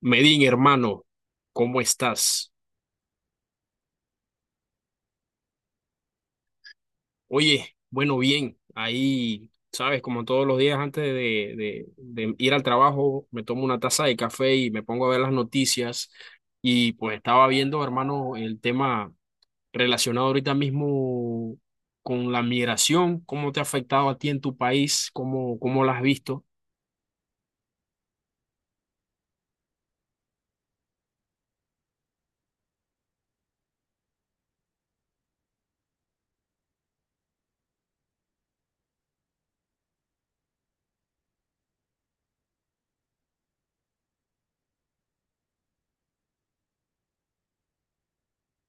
Medin, hermano, ¿cómo estás? Oye, bueno, bien, ahí, sabes, como todos los días antes de, de ir al trabajo, me tomo una taza de café y me pongo a ver las noticias. Y pues estaba viendo, hermano, el tema relacionado ahorita mismo con la migración, cómo te ha afectado a ti en tu país, cómo la has visto.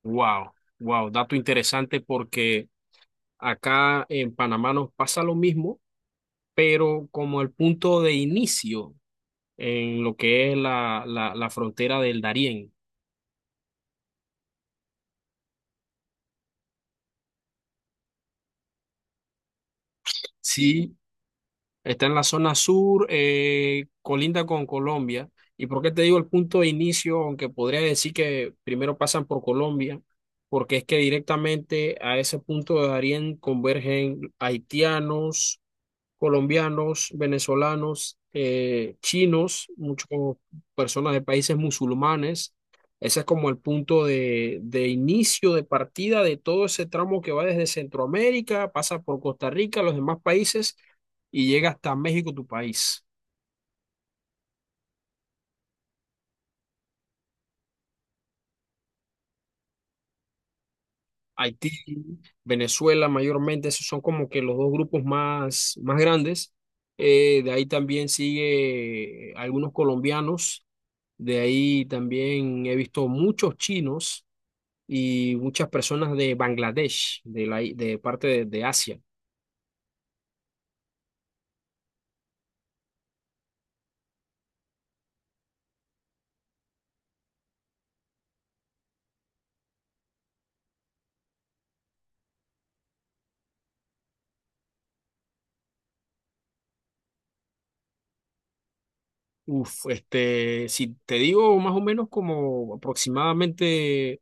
Wow, wow, dato interesante porque acá en Panamá nos pasa lo mismo, pero como el punto de inicio en lo que es la frontera del Darién. Sí, está en la zona sur, colinda con Colombia. ¿Y por qué te digo el punto de inicio? Aunque podría decir que primero pasan por Colombia, porque es que directamente a ese punto de Darién convergen haitianos, colombianos, venezolanos, chinos, muchas personas de países musulmanes. Ese es como el punto de inicio, de partida de todo ese tramo que va desde Centroamérica, pasa por Costa Rica, los demás países y llega hasta México, tu país. Haití, Venezuela mayormente, esos son como que los dos grupos más grandes. De ahí también sigue algunos colombianos, de ahí también he visto muchos chinos y muchas personas de Bangladesh, de parte de Asia. Uf, este, si te digo más o menos como aproximadamente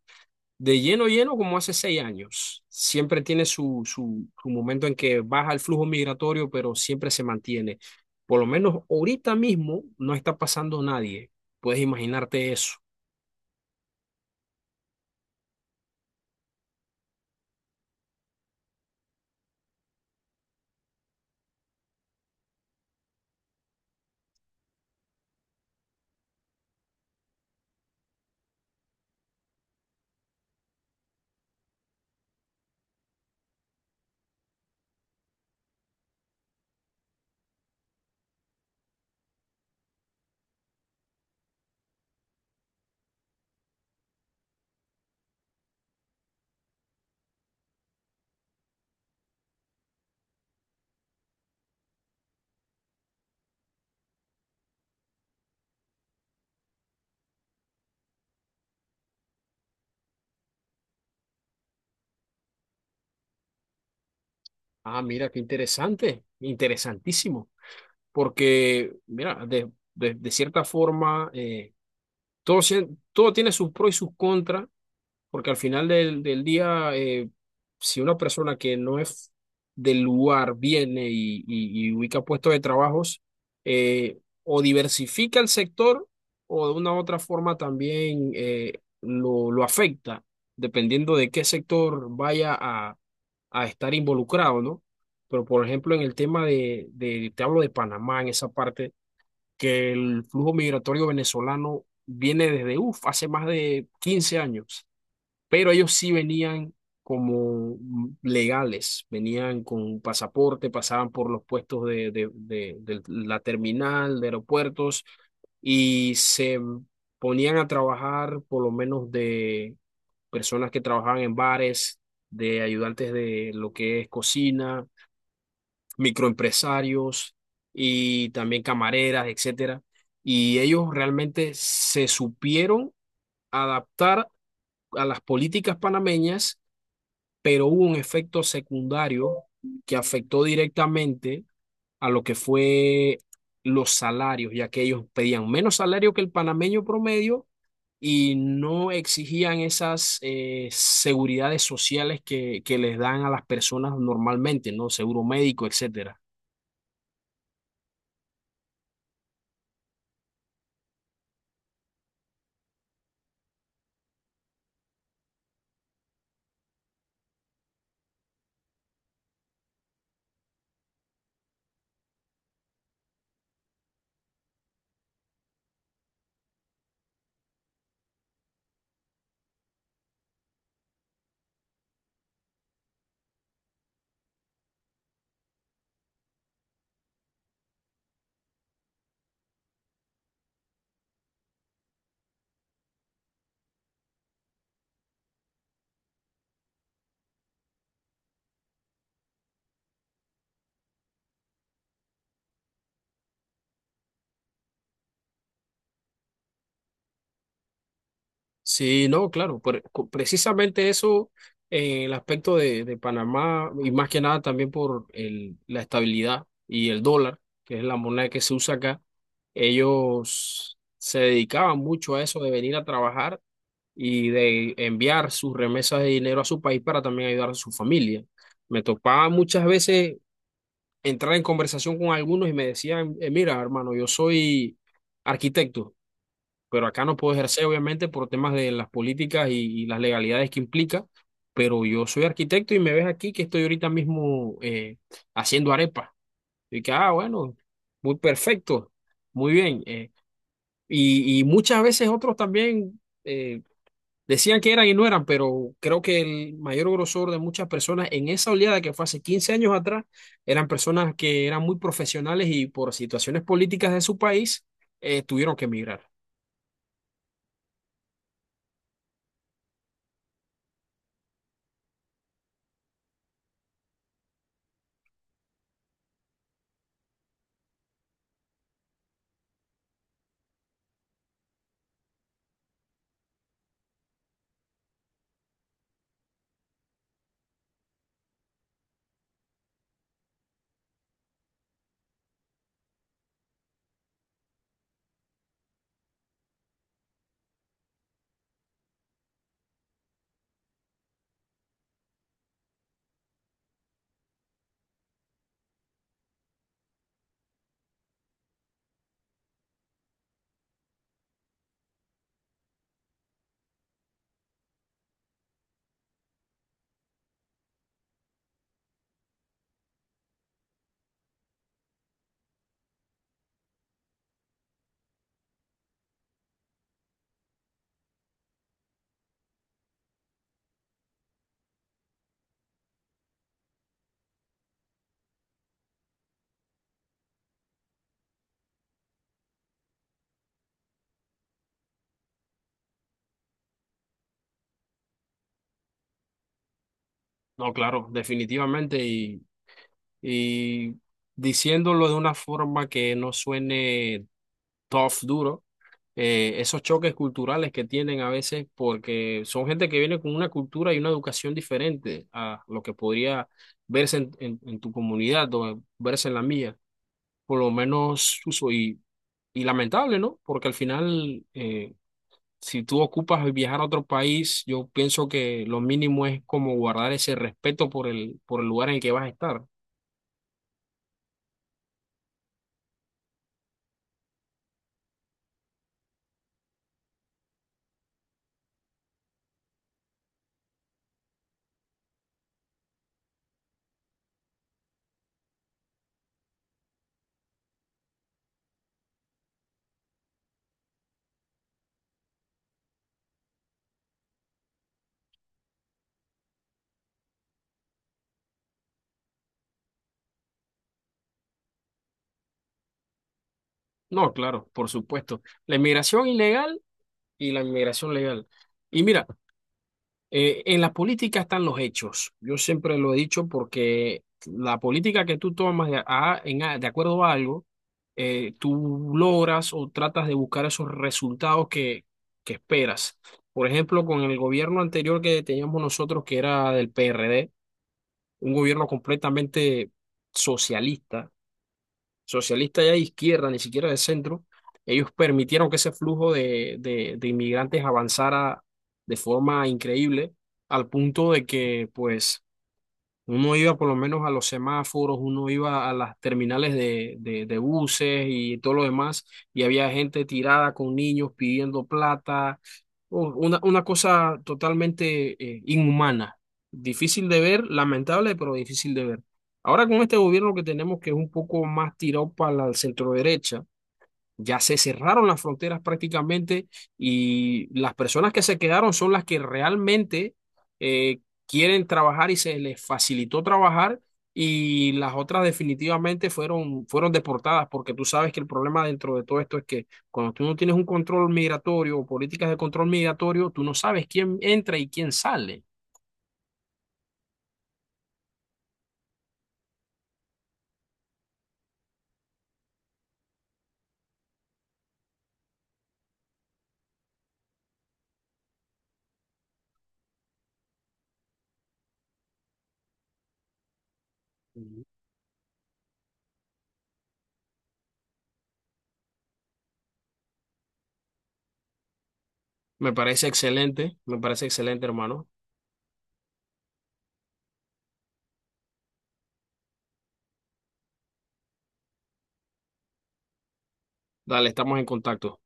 de lleno lleno como hace 6 años. Siempre tiene su momento en que baja el flujo migratorio, pero siempre se mantiene. Por lo menos ahorita mismo no está pasando nadie. Puedes imaginarte eso. Ah, mira, qué interesante, interesantísimo. Porque mira, de cierta forma, todo, sie- todo tiene sus pros y sus contras, porque al final del día, si una persona que no es del lugar viene y, y ubica puestos de trabajos, eh, o diversifica el sector o de una u otra forma también, lo afecta, dependiendo de qué sector vaya a estar involucrado, ¿no? Pero por ejemplo, en el tema te hablo de Panamá, en esa parte, que el flujo migratorio venezolano viene desde, uff, hace más de 15 años, pero ellos sí venían como mm, legales, venían con pasaporte, pasaban por los puestos de la terminal, de aeropuertos, y se ponían a trabajar por lo menos de personas que trabajaban en bares, de ayudantes de lo que es cocina, microempresarios y también camareras, etcétera. Y ellos realmente se supieron adaptar a las políticas panameñas, pero hubo un efecto secundario que afectó directamente a lo que fue los salarios, ya que ellos pedían menos salario que el panameño promedio y no exigían esas, seguridades sociales que les dan a las personas normalmente, ¿no? Seguro médico, etcétera. Sí, no, claro, precisamente eso, el aspecto de Panamá y más que nada también por la estabilidad y el dólar, que es la moneda que se usa acá, ellos se dedicaban mucho a eso de venir a trabajar y de enviar sus remesas de dinero a su país para también ayudar a su familia. Me topaba muchas veces entrar en conversación con algunos y me decían, mira, hermano, yo soy arquitecto, pero acá no puedo ejercer, obviamente, por temas de las políticas y las legalidades que implica, pero yo soy arquitecto y me ves aquí que estoy ahorita mismo, haciendo arepas. Y que, ah, bueno, muy perfecto, muy bien. Y muchas veces otros también, decían que eran y no eran, pero creo que el mayor grosor de muchas personas en esa oleada que fue hace 15 años atrás, eran personas que eran muy profesionales y por situaciones políticas de su país, tuvieron que emigrar. No, claro, definitivamente. Y diciéndolo de una forma que no suene tough, duro, esos choques culturales que tienen a veces porque son gente que viene con una cultura y una educación diferente a lo que podría verse en, en tu comunidad o verse en la mía. Por lo menos, uso y lamentable, ¿no? Porque al final, si tú ocupas viajar a otro país, yo pienso que lo mínimo es como guardar ese respeto por el lugar en el que vas a estar. No, claro, por supuesto. La inmigración ilegal y la inmigración legal. Y mira, en la política están los hechos. Yo siempre lo he dicho porque la política que tú tomas de, de acuerdo a algo, tú logras o tratas de buscar esos resultados que esperas. Por ejemplo, con el gobierno anterior que teníamos nosotros, que era del PRD. Un gobierno completamente socialista, socialista ya de izquierda, ni siquiera de centro, ellos permitieron que ese flujo de inmigrantes avanzara de forma increíble, al punto de que, pues, uno iba por lo menos a los semáforos, uno iba a las terminales de buses y todo lo demás, y había gente tirada con niños pidiendo plata, una cosa totalmente, inhumana, difícil de ver, lamentable, pero difícil de ver. Ahora con este gobierno que tenemos, que es un poco más tirado para la centro, ya se cerraron las fronteras prácticamente y las personas que se quedaron son las que realmente, eh, quieren trabajar y se les facilitó trabajar, y las otras definitivamente fueron deportadas, porque tú sabes que el problema dentro de todo esto es que cuando tú no tienes un control migratorio o políticas de control migratorio, tú no sabes quién entra y quién sale. Ujú. Me parece excelente, hermano. Dale, estamos en contacto.